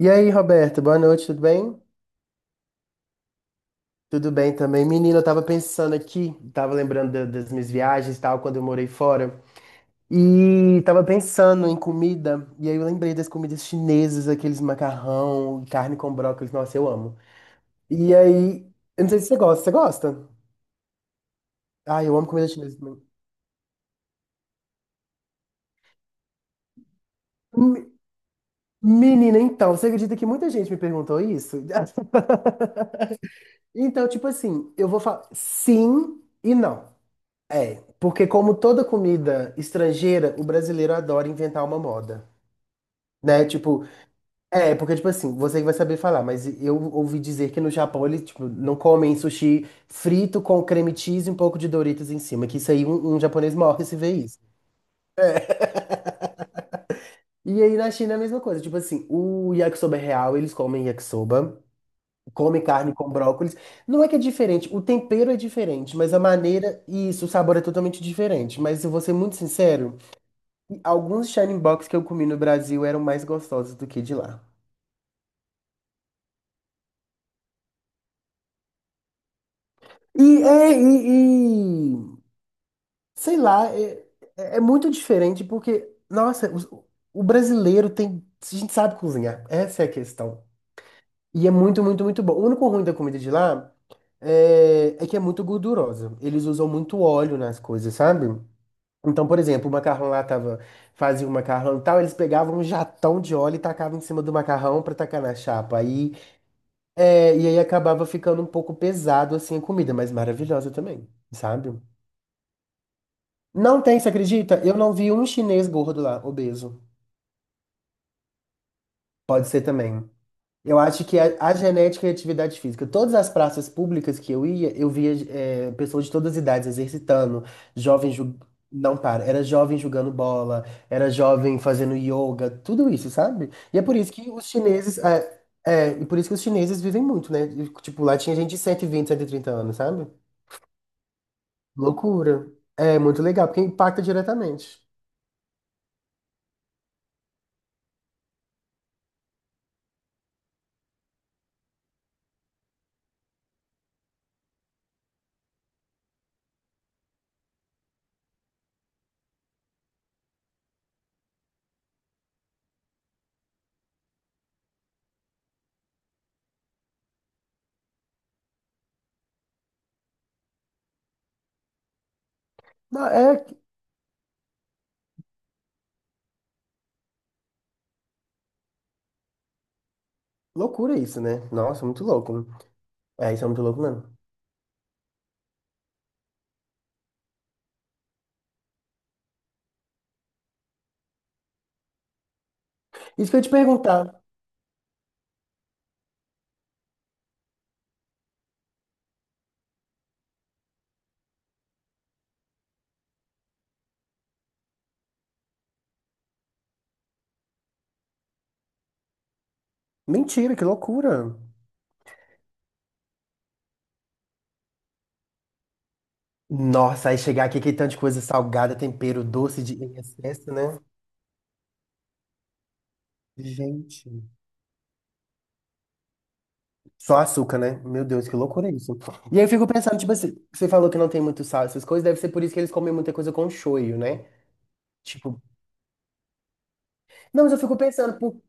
E aí, Roberto, boa noite, tudo bem? Tudo bem também. Menina, eu tava pensando aqui, tava lembrando das minhas viagens e tal, quando eu morei fora. E tava pensando em comida, e aí eu lembrei das comidas chinesas, aqueles macarrão, carne com brócolis, nossa, eu amo. E aí, eu não sei se você gosta, você gosta? Ah, eu amo comida chinesa também. Me- Menina, então, você acredita que muita gente me perguntou isso? Então, tipo assim, eu vou falar sim e não. É, porque como toda comida estrangeira, o brasileiro adora inventar uma moda, né? Tipo, é, porque tipo assim, você que vai saber falar, mas eu ouvi dizer que no Japão eles, tipo, não comem sushi frito com creme cheese e um pouco de Doritos em cima, que isso aí um japonês morre se vê isso. E aí na China é a mesma coisa, tipo assim, o yakisoba é real, eles comem yakisoba, comem carne com brócolis. Não é que é diferente, o tempero é diferente, mas a maneira e isso, o sabor é totalmente diferente. Mas eu vou ser muito sincero, alguns Shining Box que eu comi no Brasil eram mais gostosos do que de lá. E, é, e, e- sei lá, é muito diferente porque, nossa, o brasileiro tem, a gente sabe cozinhar, essa é a questão. E é muito, muito, muito bom. O único ruim da comida de lá é que é muito gordurosa. Eles usam muito óleo nas coisas, sabe? Então, por exemplo, o macarrão lá tava, fazia um macarrão e tal, eles pegavam um jatão de óleo e tacavam em cima do macarrão pra tacar na chapa. Aí é, e aí acabava ficando um pouco pesado assim a comida, mas maravilhosa também, sabe? Não tem, você acredita? Eu não vi um chinês gordo lá, obeso. Pode ser também. Eu acho que a genética e a atividade física. Todas as praças públicas que eu ia, eu via é, pessoas de todas as idades exercitando, jovens ju- não para, era jovem jogando bola, era jovem fazendo yoga, tudo isso, sabe? E é por isso que os chineses, e por isso que os chineses vivem muito, né? E, tipo, lá tinha gente de 120, trinta anos, sabe? Loucura. É muito legal, porque impacta diretamente. Não, é loucura isso, né? Nossa, muito louco. É, isso é muito louco mesmo. Isso que eu ia te perguntar. Mentira, que loucura. Nossa, aí chegar aqui, que tanto de coisa salgada, tempero, doce de em excesso, né? Gente. Só açúcar, né? Meu Deus, que loucura é isso. E aí eu fico pensando, tipo assim, você falou que não tem muito sal, essas coisas, deve ser por isso que eles comem muita coisa com shoyu, né? Tipo, não, mas eu fico pensando, pô,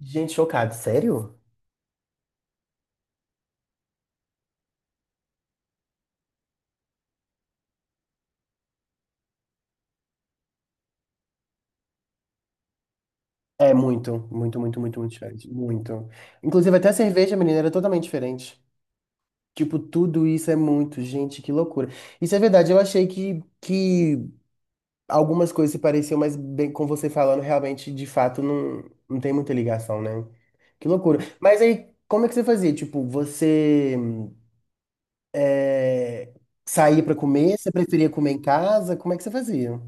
gente, chocado, sério? É muito, muito, muito, muito, muito diferente. Muito. Inclusive, até a cerveja, menina, era totalmente diferente. Tipo, tudo isso é muito, gente, que loucura. Isso é verdade, eu achei que algumas coisas se pareciam, mas bem, com você falando, realmente, de fato, não, não tem muita ligação, né? Que loucura. Mas aí, como é que você fazia? Tipo, você é, saía pra comer? Você preferia comer em casa? Como é que você fazia?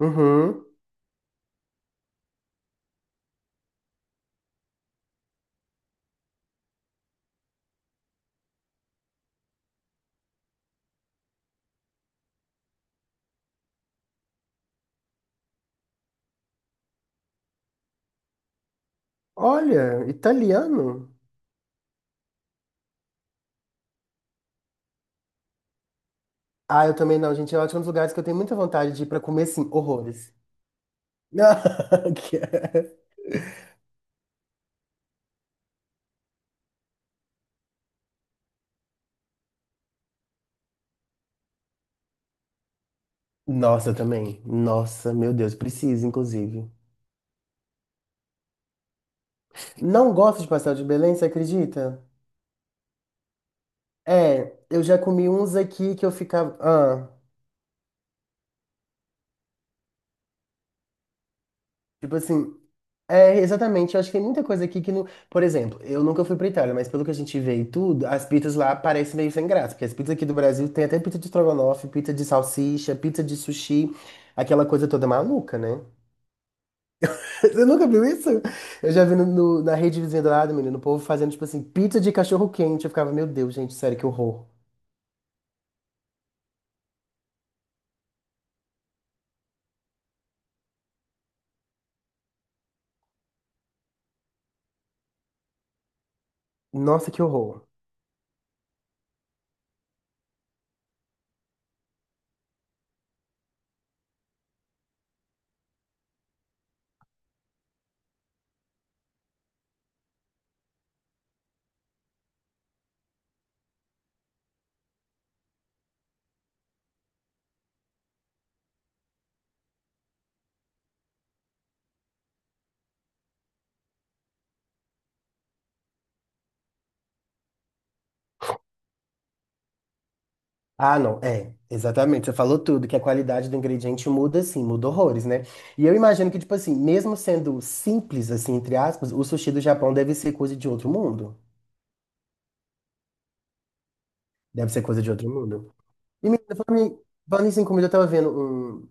Uhum. Olha, italiano. Ah, eu também não, gente. Eu acho que é um dos lugares que eu tenho muita vontade de ir pra comer, assim, horrores. Que- Nossa, eu também. Nossa, meu Deus, preciso, inclusive. Não gosto de pastel de Belém, você acredita? É, eu já comi uns aqui que eu ficava. Ah, tipo assim. É, exatamente. Eu acho que tem muita coisa aqui que não. Por exemplo, eu nunca fui pra Itália, mas pelo que a gente vê e tudo, as pizzas lá parecem meio sem graça. Porque as pizzas aqui do Brasil tem até pizza de estrogonofe, pizza de salsicha, pizza de sushi, aquela coisa toda maluca, né? Você nunca viu isso? Eu já vi na rede vizinha do lado, menino, o povo fazendo, tipo assim, pizza de cachorro quente. Eu ficava, meu Deus, gente, sério, que horror. Nossa, que horror. Ah, não, é, exatamente. Você falou tudo, que a qualidade do ingrediente muda, assim, muda horrores, né? E eu imagino que, tipo assim, mesmo sendo simples, assim, entre aspas, o sushi do Japão deve ser coisa de outro mundo. Deve ser coisa de outro mundo. E, menina, falando isso em comida, eu tava vendo um.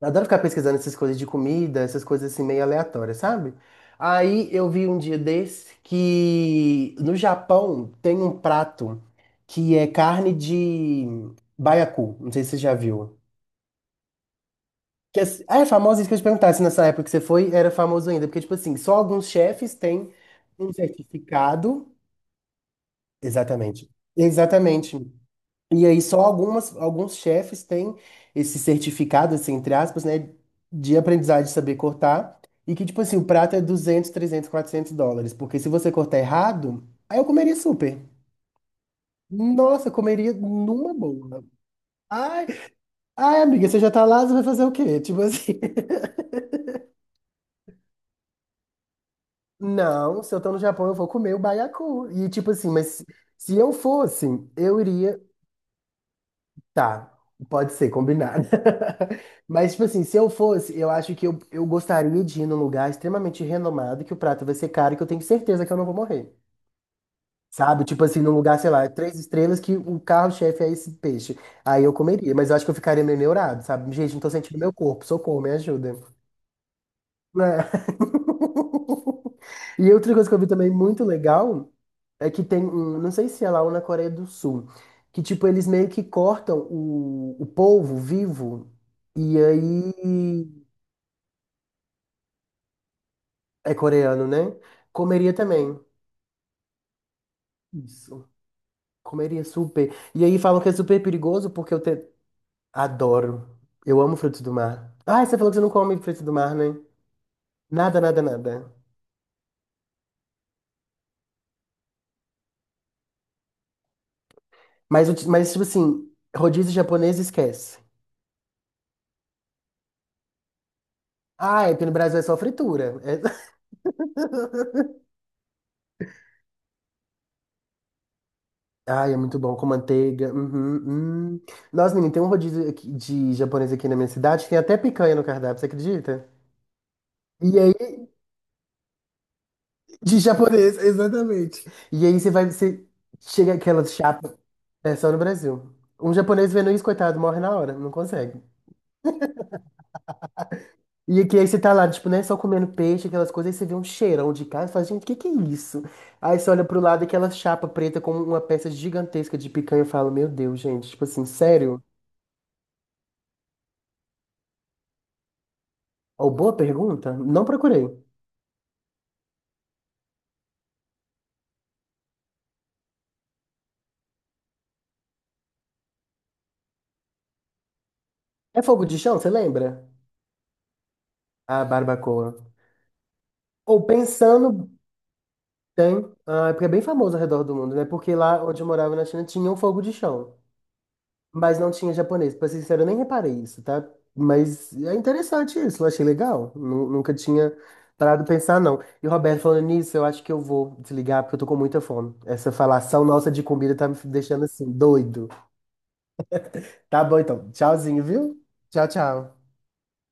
Eu adoro ficar pesquisando essas coisas de comida, essas coisas assim meio aleatórias, sabe? Aí eu vi um dia desse que no Japão tem um prato que é carne de baiacu. Não sei se você já viu. Que é, ah, é famoso, isso que eu te perguntar, se nessa época que você foi era famoso ainda. Porque, tipo assim, só alguns chefes têm um certificado. Exatamente. Exatamente. E aí só alguns chefes têm esse certificado, assim, entre aspas, né, de aprendizagem de saber cortar, e que, tipo assim, o prato é US$ 200, US$ 300, US$ 400, porque se você cortar errado, aí eu comeria super. Nossa, eu comeria numa boa. Ai, ai, amiga, você já tá lá, você vai fazer o quê? Tipo assim, não, se eu tô no Japão, eu vou comer o baiacu. E tipo assim, mas se eu fosse, eu iria tá, pode ser, combinado. Mas, tipo assim, se eu fosse, eu acho que eu gostaria de ir num lugar extremamente renomado, que o prato vai ser caro e que eu tenho certeza que eu não vou morrer. Sabe? Tipo assim, num lugar, sei lá, três estrelas, que o carro-chefe é esse peixe. Aí eu comeria, mas eu acho que eu ficaria meio neurado, sabe? Gente, não tô sentindo meu corpo, socorro, me ajuda. É. E outra coisa que eu vi também muito legal. É que tem, um- não sei se é lá ou na Coreia do Sul, que tipo, eles meio que cortam o polvo vivo e aí é coreano, né? Comeria também. Isso. Comeria super. E aí falam que é super perigoso porque eu te- adoro. Eu amo frutos do mar. Ah, você falou que você não come frutos do mar, né? Nada, nada, nada. Mas, o ti- mas tipo assim, rodízio japonês esquece. Ah, é porque no Brasil é só fritura. É- Ai, é muito bom com manteiga. Uhum. Nossa, menina, tem um rodízio aqui de japonês aqui na minha cidade, tem até picanha no cardápio, você acredita? E aí, de japonês, exatamente. E aí você vai, você chega aquela chapa, é só no Brasil. Um japonês vendo isso, coitado, morre na hora, não consegue. E aqui aí você tá lá, tipo, né, só comendo peixe, aquelas coisas, aí você vê um cheirão de carne e fala, gente, o que que é isso? Aí você olha pro lado, aquela chapa preta com uma peça gigantesca de picanha e fala, meu Deus, gente, tipo assim, sério? Ou boa pergunta? Não procurei. É fogo de chão, você lembra? A barbacoa. Ou pensando, tem. Ah, é porque é bem famoso ao redor do mundo, né? Porque lá onde eu morava na China tinha um fogo de chão. Mas não tinha japonês. Pra ser sincero, eu nem reparei isso, tá? Mas é interessante isso, eu achei legal. Nu- Nunca tinha parado pra pensar, não. E o Roberto, falando nisso, eu acho que eu vou desligar porque eu tô com muita fome. Essa falação nossa de comida tá me deixando assim, doido. Tá bom então. Tchauzinho, viu? Tchau, tchau.